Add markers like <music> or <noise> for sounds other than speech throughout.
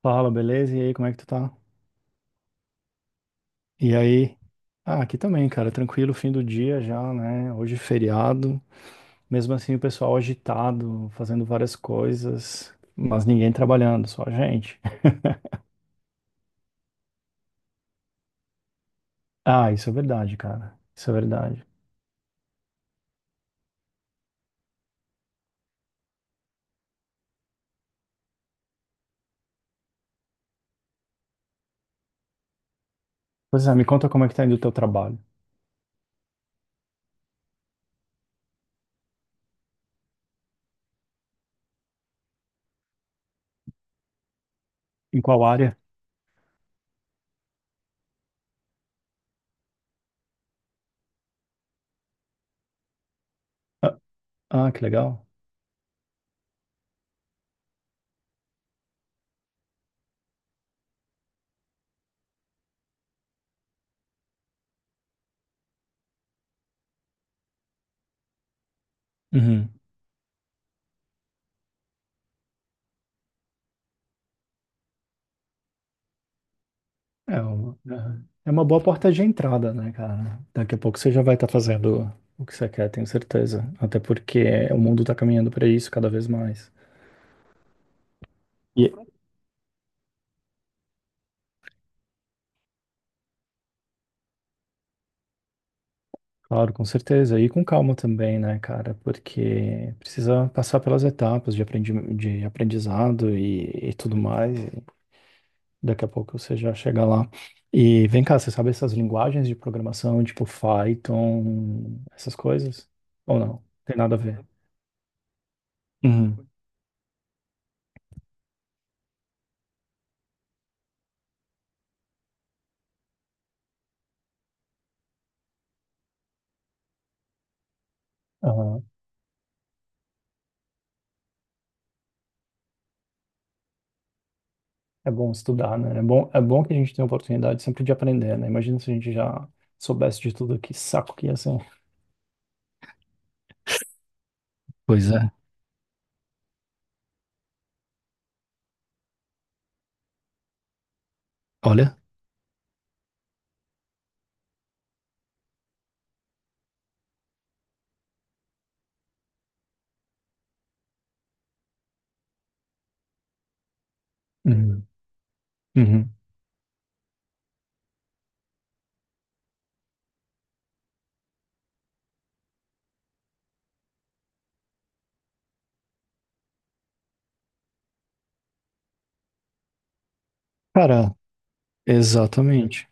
Fala, beleza? E aí, como é que tu tá? E aí? Ah, aqui também, cara, tranquilo, fim do dia já, né? Hoje é feriado. Mesmo assim, o pessoal agitado, fazendo várias coisas, mas ninguém trabalhando, só a gente. <laughs> Ah, isso é verdade, cara. Isso é verdade. Pois é, me conta como é que tá indo o teu trabalho. Em qual área? Ah, ah, que legal. Uhum. É uma, aham. É uma boa porta de entrada, né, cara? Daqui a pouco você já vai estar fazendo o que você quer, tenho certeza. Até porque o mundo tá caminhando para isso cada vez mais. E, claro, com certeza. E com calma também, né, cara? Porque precisa passar pelas etapas de aprendizado e tudo mais. E daqui a pouco você já chega lá. E vem cá, você sabe essas linguagens de programação, tipo Python, essas coisas? Ou não? Tem nada a ver. Uhum. Aham. É bom estudar, né? É bom que a gente tenha oportunidade sempre de aprender, né? Imagina se a gente já soubesse de tudo, que saco que ia ser. Pois é. Olha. Uhum. Uhum. Cara, exatamente.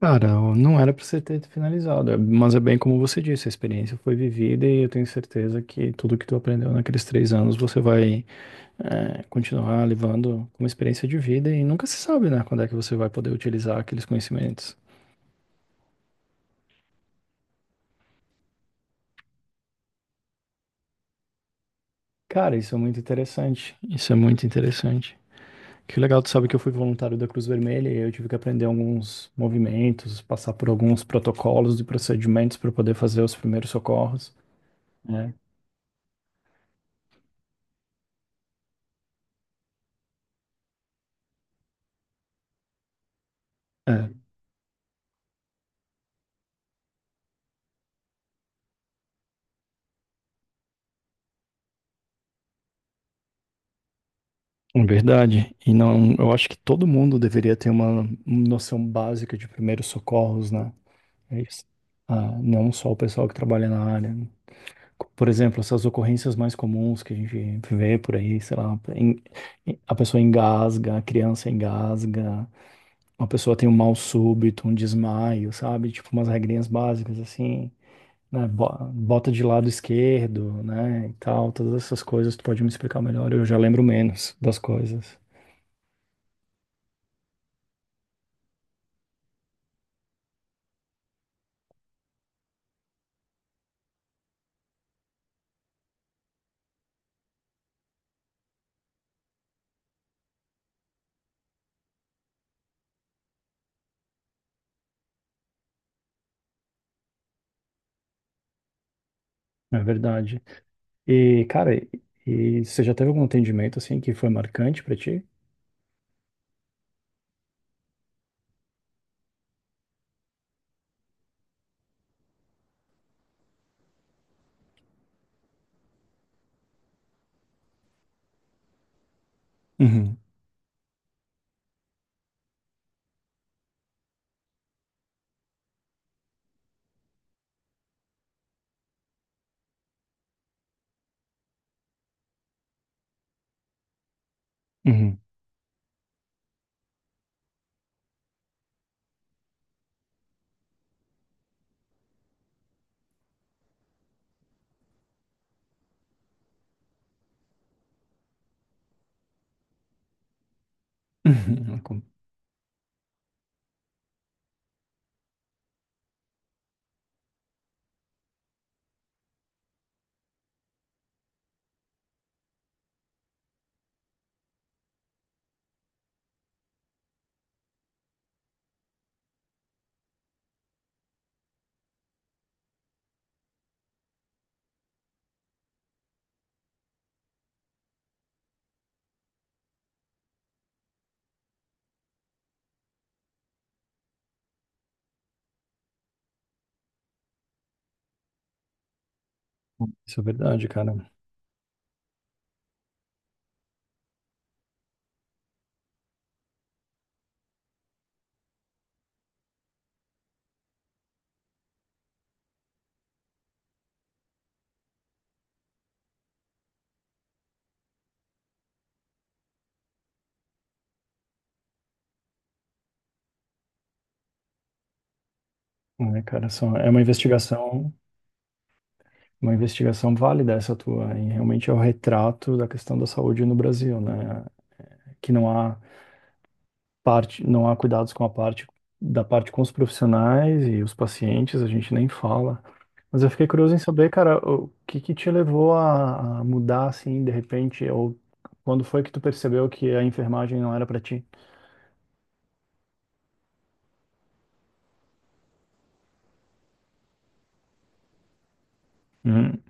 Cara, eu não era pra você ter finalizado, é, mas é bem como você disse, a experiência foi vivida e eu tenho certeza que tudo que tu aprendeu naqueles 3 anos você vai, é, continuar levando como experiência de vida e nunca se sabe, né, quando é que você vai poder utilizar aqueles conhecimentos. Cara, isso é muito interessante, isso é muito interessante. Que legal, tu sabe que eu fui voluntário da Cruz Vermelha e eu tive que aprender alguns movimentos, passar por alguns protocolos e procedimentos para poder fazer os primeiros socorros, né? É verdade. E não, eu acho que todo mundo deveria ter uma noção básica de primeiros socorros, né? É isso. Ah, não só o pessoal que trabalha na área, né? Por exemplo, essas ocorrências mais comuns que a gente vê por aí, sei lá, a pessoa engasga, a criança engasga, uma pessoa tem um mal súbito, um desmaio, sabe? Tipo umas regrinhas básicas assim, né? Bota de lado esquerdo, né? E tal, todas essas coisas, tu pode me explicar melhor, eu já lembro menos das coisas. É verdade. E, cara, e você já teve algum atendimento, assim, que foi marcante pra ti? Uhum. Uhum. Uhum. <laughs> Isso é verdade, cara. É, cara, só, é uma investigação válida essa tua, e realmente é o retrato da questão da saúde no Brasil, né? Que não há parte, não há cuidados com a parte da parte com os profissionais e os pacientes, a gente nem fala. Mas eu fiquei curioso em saber, cara, o que que te levou a mudar assim, de repente, ou quando foi que tu percebeu que a enfermagem não era pra ti? Uhum.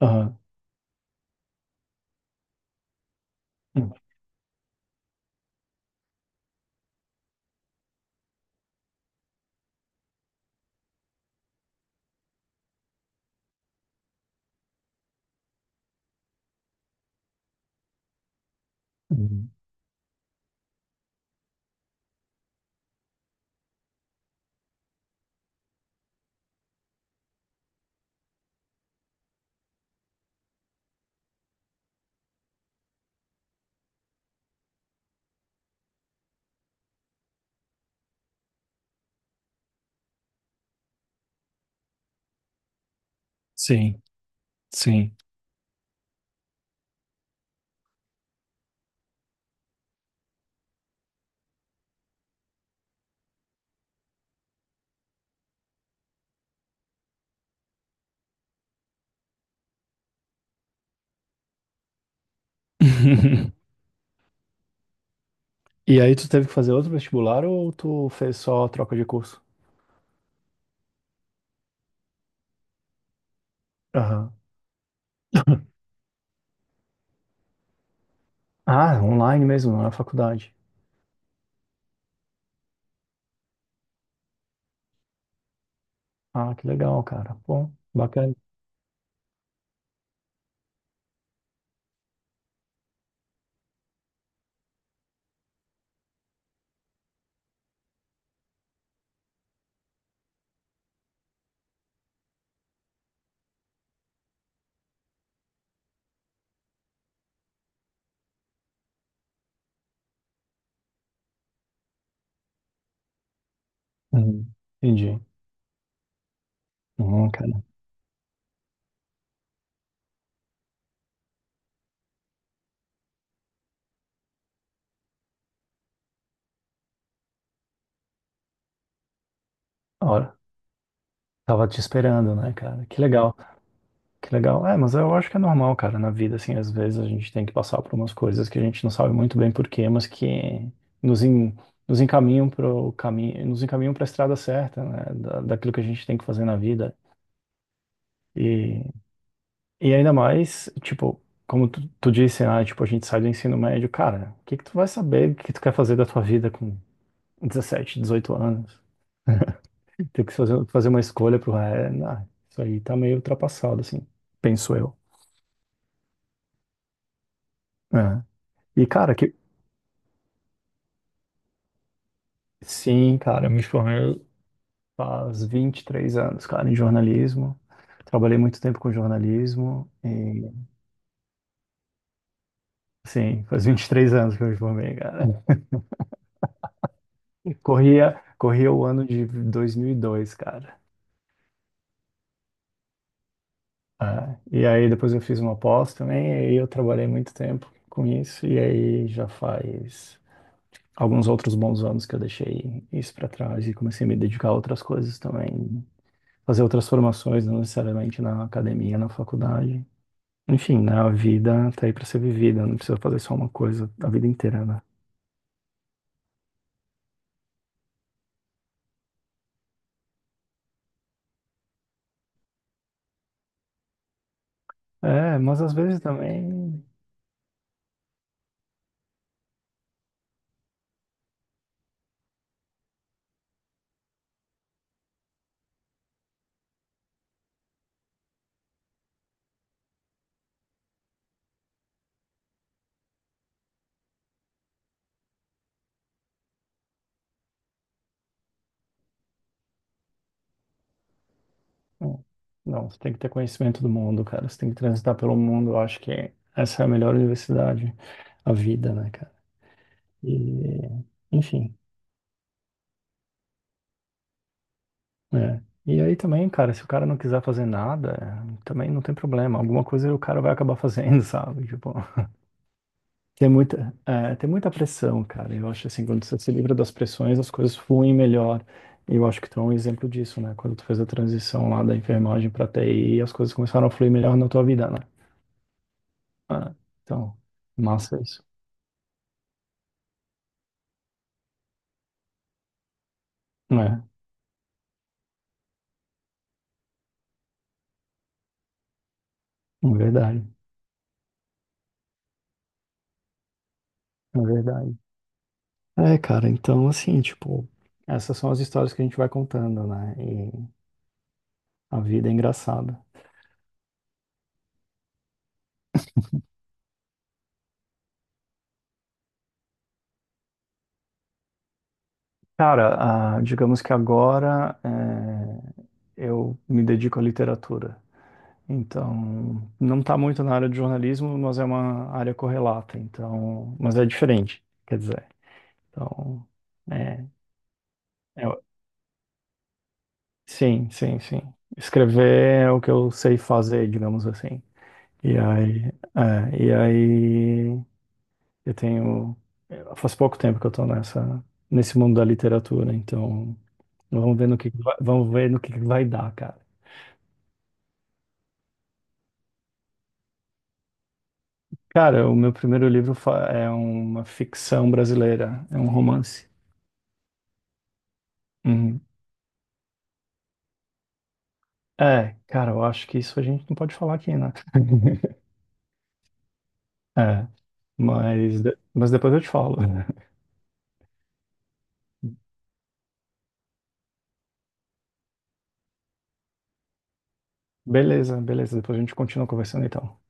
Aham. Uhum. Sim, sim. <laughs> E aí tu teve que fazer outro vestibular ou tu fez só troca de curso? Aham. Ah, online mesmo, não é faculdade. Ah, que legal, cara. Bom, bacana. Uhum. Entendi. Uhum, cara. Ora, tava te esperando, né, cara? Que legal. Que legal. É, mas eu acho que é normal, cara, na vida, assim, às vezes a gente tem que passar por umas coisas que a gente não sabe muito bem por quê, mas que nos, nos encaminham pro caminho, nos encaminham para a estrada certa, né, da, daquilo que a gente tem que fazer na vida. E, e ainda mais, tipo, como tu disse, ah, tipo, a gente sai do ensino médio, cara, o que que tu vai saber o que tu quer fazer da tua vida com 17, 18 anos? Tem que fazer uma escolha pro, é, não, isso aí tá meio ultrapassado, assim, penso eu. É. E, cara, que Sim, cara, eu me formei faz 23 anos, cara, em jornalismo. Trabalhei muito tempo com jornalismo e, sim, faz 23 anos que eu me formei, cara. <laughs> Corria o ano de 2002, cara. Ah, e aí depois eu fiz uma pós também e aí eu trabalhei muito tempo com isso e aí já faz alguns outros bons anos que eu deixei isso pra trás e comecei a me dedicar a outras coisas também, fazer outras formações, não necessariamente na academia, na faculdade. Enfim, né? A vida tá aí pra ser vivida, não precisa fazer só uma coisa a vida inteira, né? É, mas às vezes também. Não, não, você tem que ter conhecimento do mundo, cara. Você tem que transitar pelo mundo. Eu acho que essa é a melhor universidade, a vida, né, cara? E, enfim, é. E aí também, cara, se o cara não quiser fazer nada, é, também não tem problema. Alguma coisa o cara vai acabar fazendo, <laughs> sabe? Tipo. Tem muita, é, tem muita pressão, cara. Eu acho assim, quando você se livra das pressões, as coisas fluem melhor. E eu acho que tu é um exemplo disso, né? Quando tu fez a transição lá da enfermagem pra TI, as coisas começaram a fluir melhor na tua vida, né? Ah, então, massa isso. É, é verdade, é verdade. É, cara, então assim, tipo, essas são as histórias que a gente vai contando, né? E a vida é engraçada. Cara, ah, digamos que agora, é, eu me dedico à literatura. Então, não está muito na área de jornalismo, mas é uma área correlata, então, mas é diferente, quer dizer. Então, é, é- sim, sim, sim. Escrever é o que eu sei fazer, digamos assim. E aí, é, e aí eu tenho, faz pouco tempo que eu estou nessa, nesse mundo da literatura, então vamos ver no que vai dar, cara. Cara, o meu primeiro livro é uma ficção brasileira, é um romance. Uhum. É, cara, eu acho que isso a gente não pode falar aqui, né? <laughs> É, mas, mas depois eu te falo. <laughs> Beleza, beleza. Depois a gente continua conversando então.